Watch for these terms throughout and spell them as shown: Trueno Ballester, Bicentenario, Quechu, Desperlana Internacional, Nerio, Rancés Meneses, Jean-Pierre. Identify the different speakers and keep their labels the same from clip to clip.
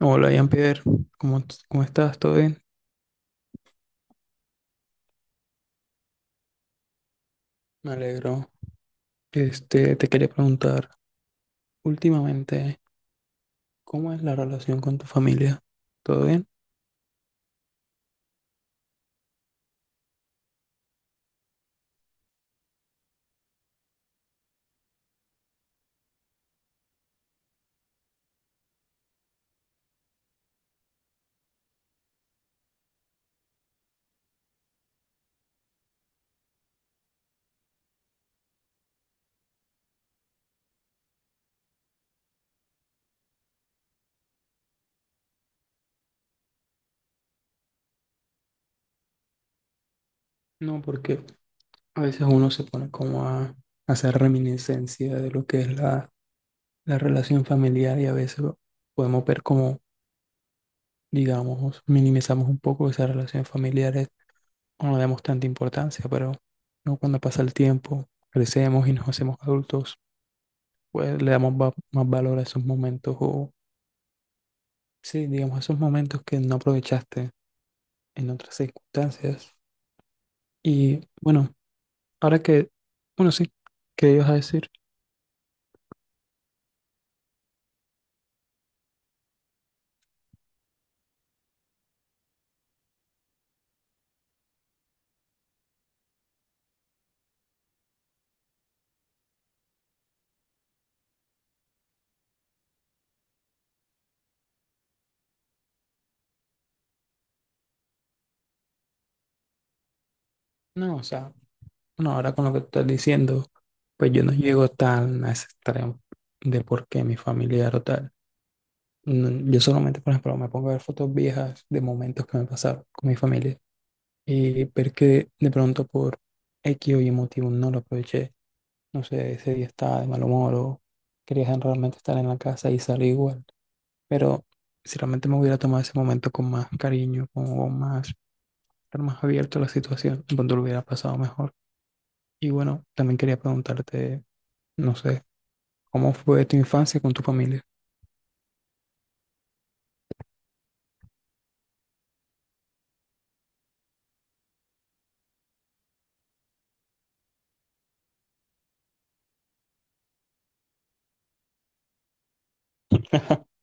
Speaker 1: No, hola, Jean-Pierre, ¿Cómo estás? ¿Todo bien? Me alegro. Este, te quería preguntar, últimamente, ¿cómo es la relación con tu familia? ¿Todo bien? No, porque a veces uno se pone como a, hacer reminiscencia de lo que es la relación familiar y a veces podemos ver como, digamos, minimizamos un poco esas relaciones familiares, no le damos tanta importancia, pero ¿no? Cuando pasa el tiempo, crecemos y nos hacemos adultos, pues le damos más valor a esos momentos o sí, digamos, esos momentos que no aprovechaste en otras circunstancias. Y bueno, ahora que, bueno, sí, ¿qué ibas a decir? No, o sea, bueno, ahora con lo que estás diciendo, pues yo no llego tan a ese extremo de por qué mi familiar o tal. No, yo solamente, por ejemplo, me pongo a ver fotos viejas de momentos que me pasaron con mi familia y ver que de pronto por X o Y motivo no lo aproveché. No sé, ese día estaba de mal humor o quería realmente estar en la casa y salí igual. Pero si realmente me hubiera tomado ese momento con más cariño, con más, estar más abierto a la situación, cuando lo hubiera pasado mejor. Y bueno, también quería preguntarte, no sé, ¿cómo fue tu infancia con tu familia?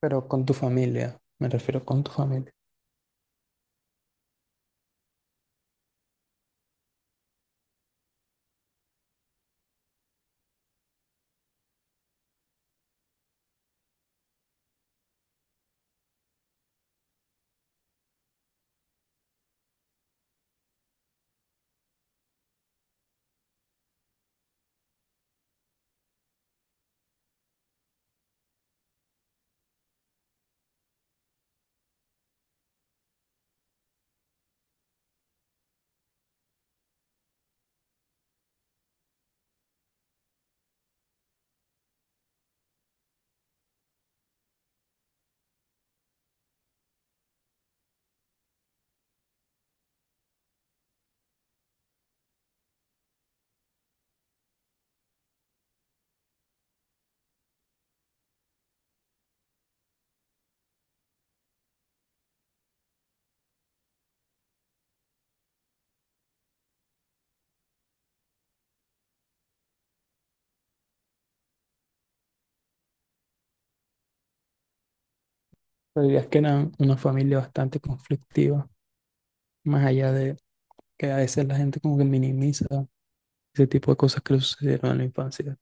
Speaker 1: Pero con tu familia, me refiero con tu familia. Pero dirías que eran una familia bastante conflictiva, más allá de que a veces la gente como que minimiza ese tipo de cosas que le sucedieron en la infancia.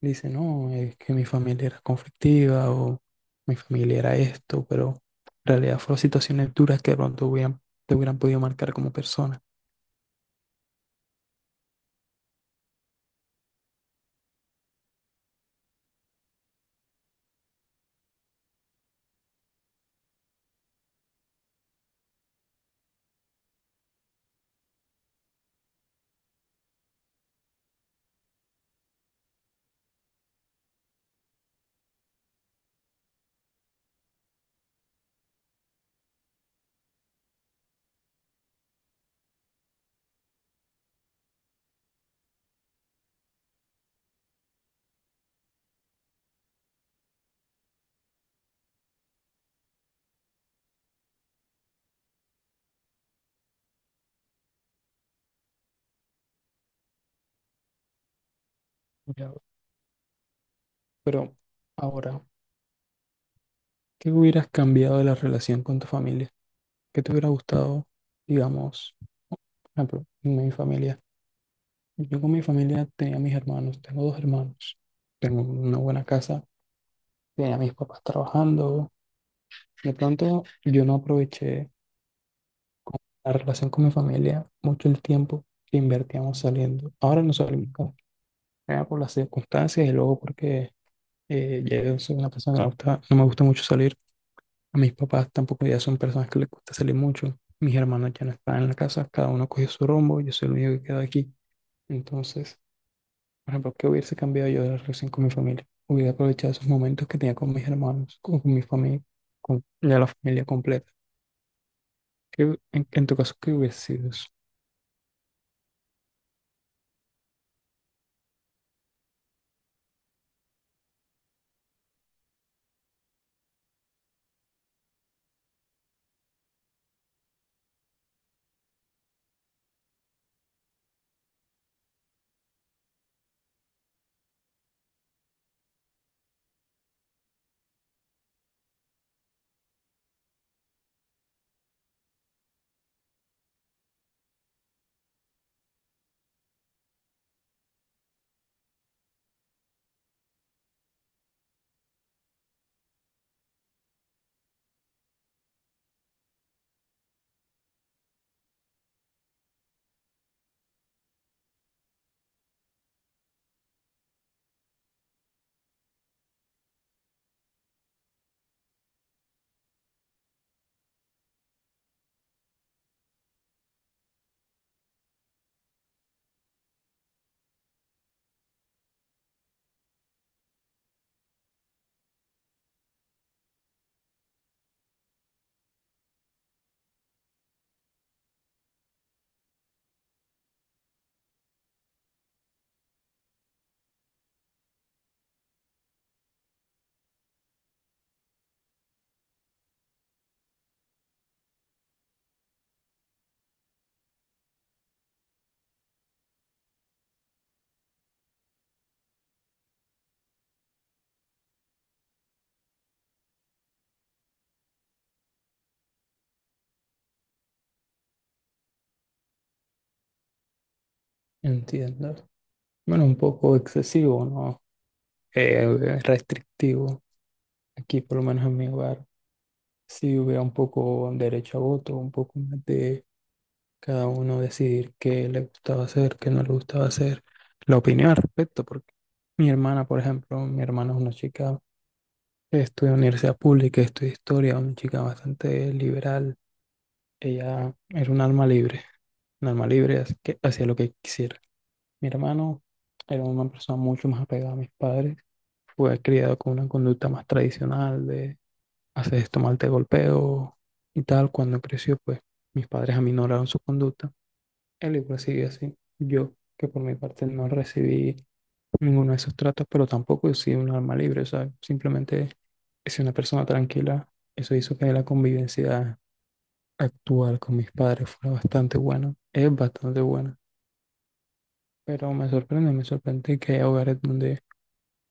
Speaker 1: Dice, no, es que mi familia era conflictiva o mi familia era esto, pero en realidad fueron situaciones duras que de pronto hubieran, te hubieran podido marcar como persona. Ya, pero ahora, ¿qué hubieras cambiado de la relación con tu familia? ¿Qué te hubiera gustado, digamos, por ejemplo, en mi familia? Yo con mi familia tenía mis hermanos, tengo dos hermanos, tengo una buena casa, tenía a mis papás trabajando. De pronto yo no aproveché con la relación con mi familia, mucho el tiempo que invertíamos saliendo. Ahora no salimos como sea, por las circunstancias y luego porque ya yo soy una persona que no, no me gusta mucho salir. A mis papás tampoco ya son personas que les gusta salir mucho. Mis hermanos ya no están en la casa, cada uno cogió su rumbo, yo soy el único que queda aquí. Entonces, por ejemplo, ¿qué hubiese cambiado yo de la relación con mi familia? Hubiera aprovechado esos momentos que tenía con mis hermanos, con mi familia, con ya la familia completa. ¿Qué- en tu caso, ¿qué hubiese sido eso? Entiendo. Bueno, un poco excesivo, ¿no? Restrictivo. Aquí, por lo menos en mi hogar, sí hubiera un poco derecho a voto, un poco más de cada uno decidir qué le gustaba hacer, qué no le gustaba hacer, la opinión al respecto, porque mi hermana, por ejemplo, mi hermana es una chica, estudia en universidad pública, estudia historia, una chica bastante liberal, ella era un alma libre, así que hacía lo que quisiera. Mi hermano era una persona mucho más apegada a mis padres, fue criado con una conducta más tradicional de haces esto mal, te golpeo y tal. Cuando creció, pues mis padres aminoraron su conducta. Él igual sigue así. Yo, que por mi parte no recibí ninguno de esos tratos, pero tampoco he sido un alma libre. O sea, simplemente he sido una persona tranquila. Eso hizo que la convivencia actual con mis padres fuera bastante buena. Es bastante buena. Pero me sorprende que hay hogares donde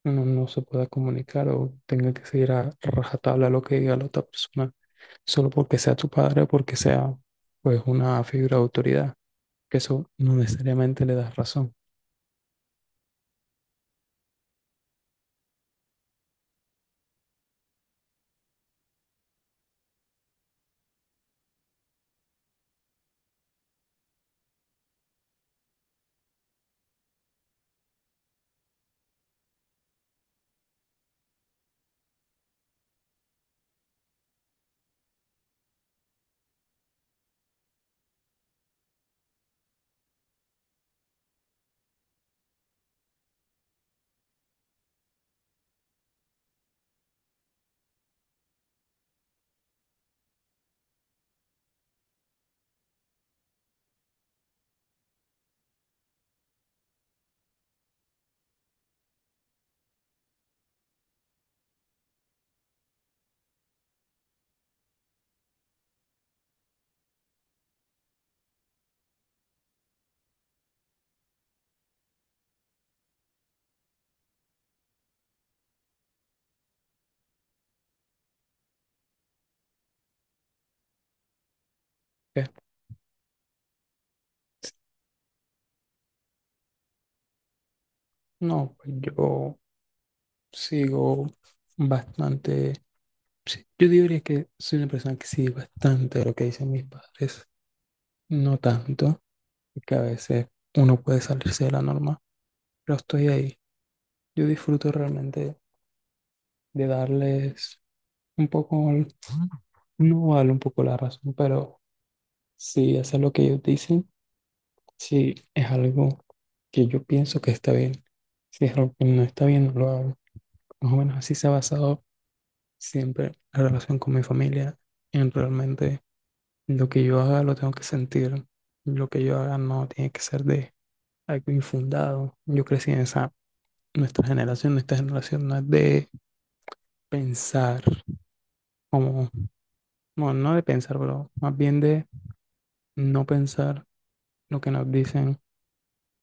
Speaker 1: no, no se pueda comunicar o tenga que seguir a rajatabla lo que diga la otra persona, solo porque sea tu padre o porque sea pues una figura de autoridad, que eso no necesariamente le das razón. ¿Ok? No, pues yo sigo bastante, sí, yo diría que soy una persona que sigue bastante lo que dicen mis padres, no tanto, que a veces uno puede salirse de la norma, pero estoy ahí. Yo disfruto realmente de darles un poco, no vale un poco la razón, pero si hacer lo que ellos dicen, si es algo que yo pienso que está bien, si es algo que no está bien, no lo hago. Más o menos así se ha basado siempre la relación con mi familia, en realmente lo que yo haga lo tengo que sentir, lo que yo haga no tiene que ser de algo infundado. Yo crecí en esa, nuestra generación no es de pensar como, bueno, no de pensar, pero más bien de no pensar lo que nos dicen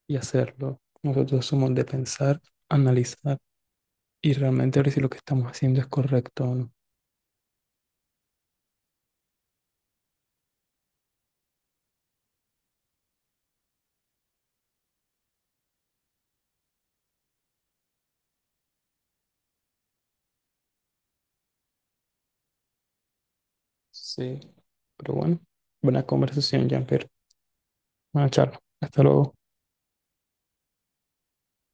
Speaker 1: y hacerlo. Nosotros somos de pensar, analizar y realmente ver si lo que estamos haciendo es correcto o no. Sí, pero bueno, buena conversación, Jean-Pierre. Buena charla. Hasta luego.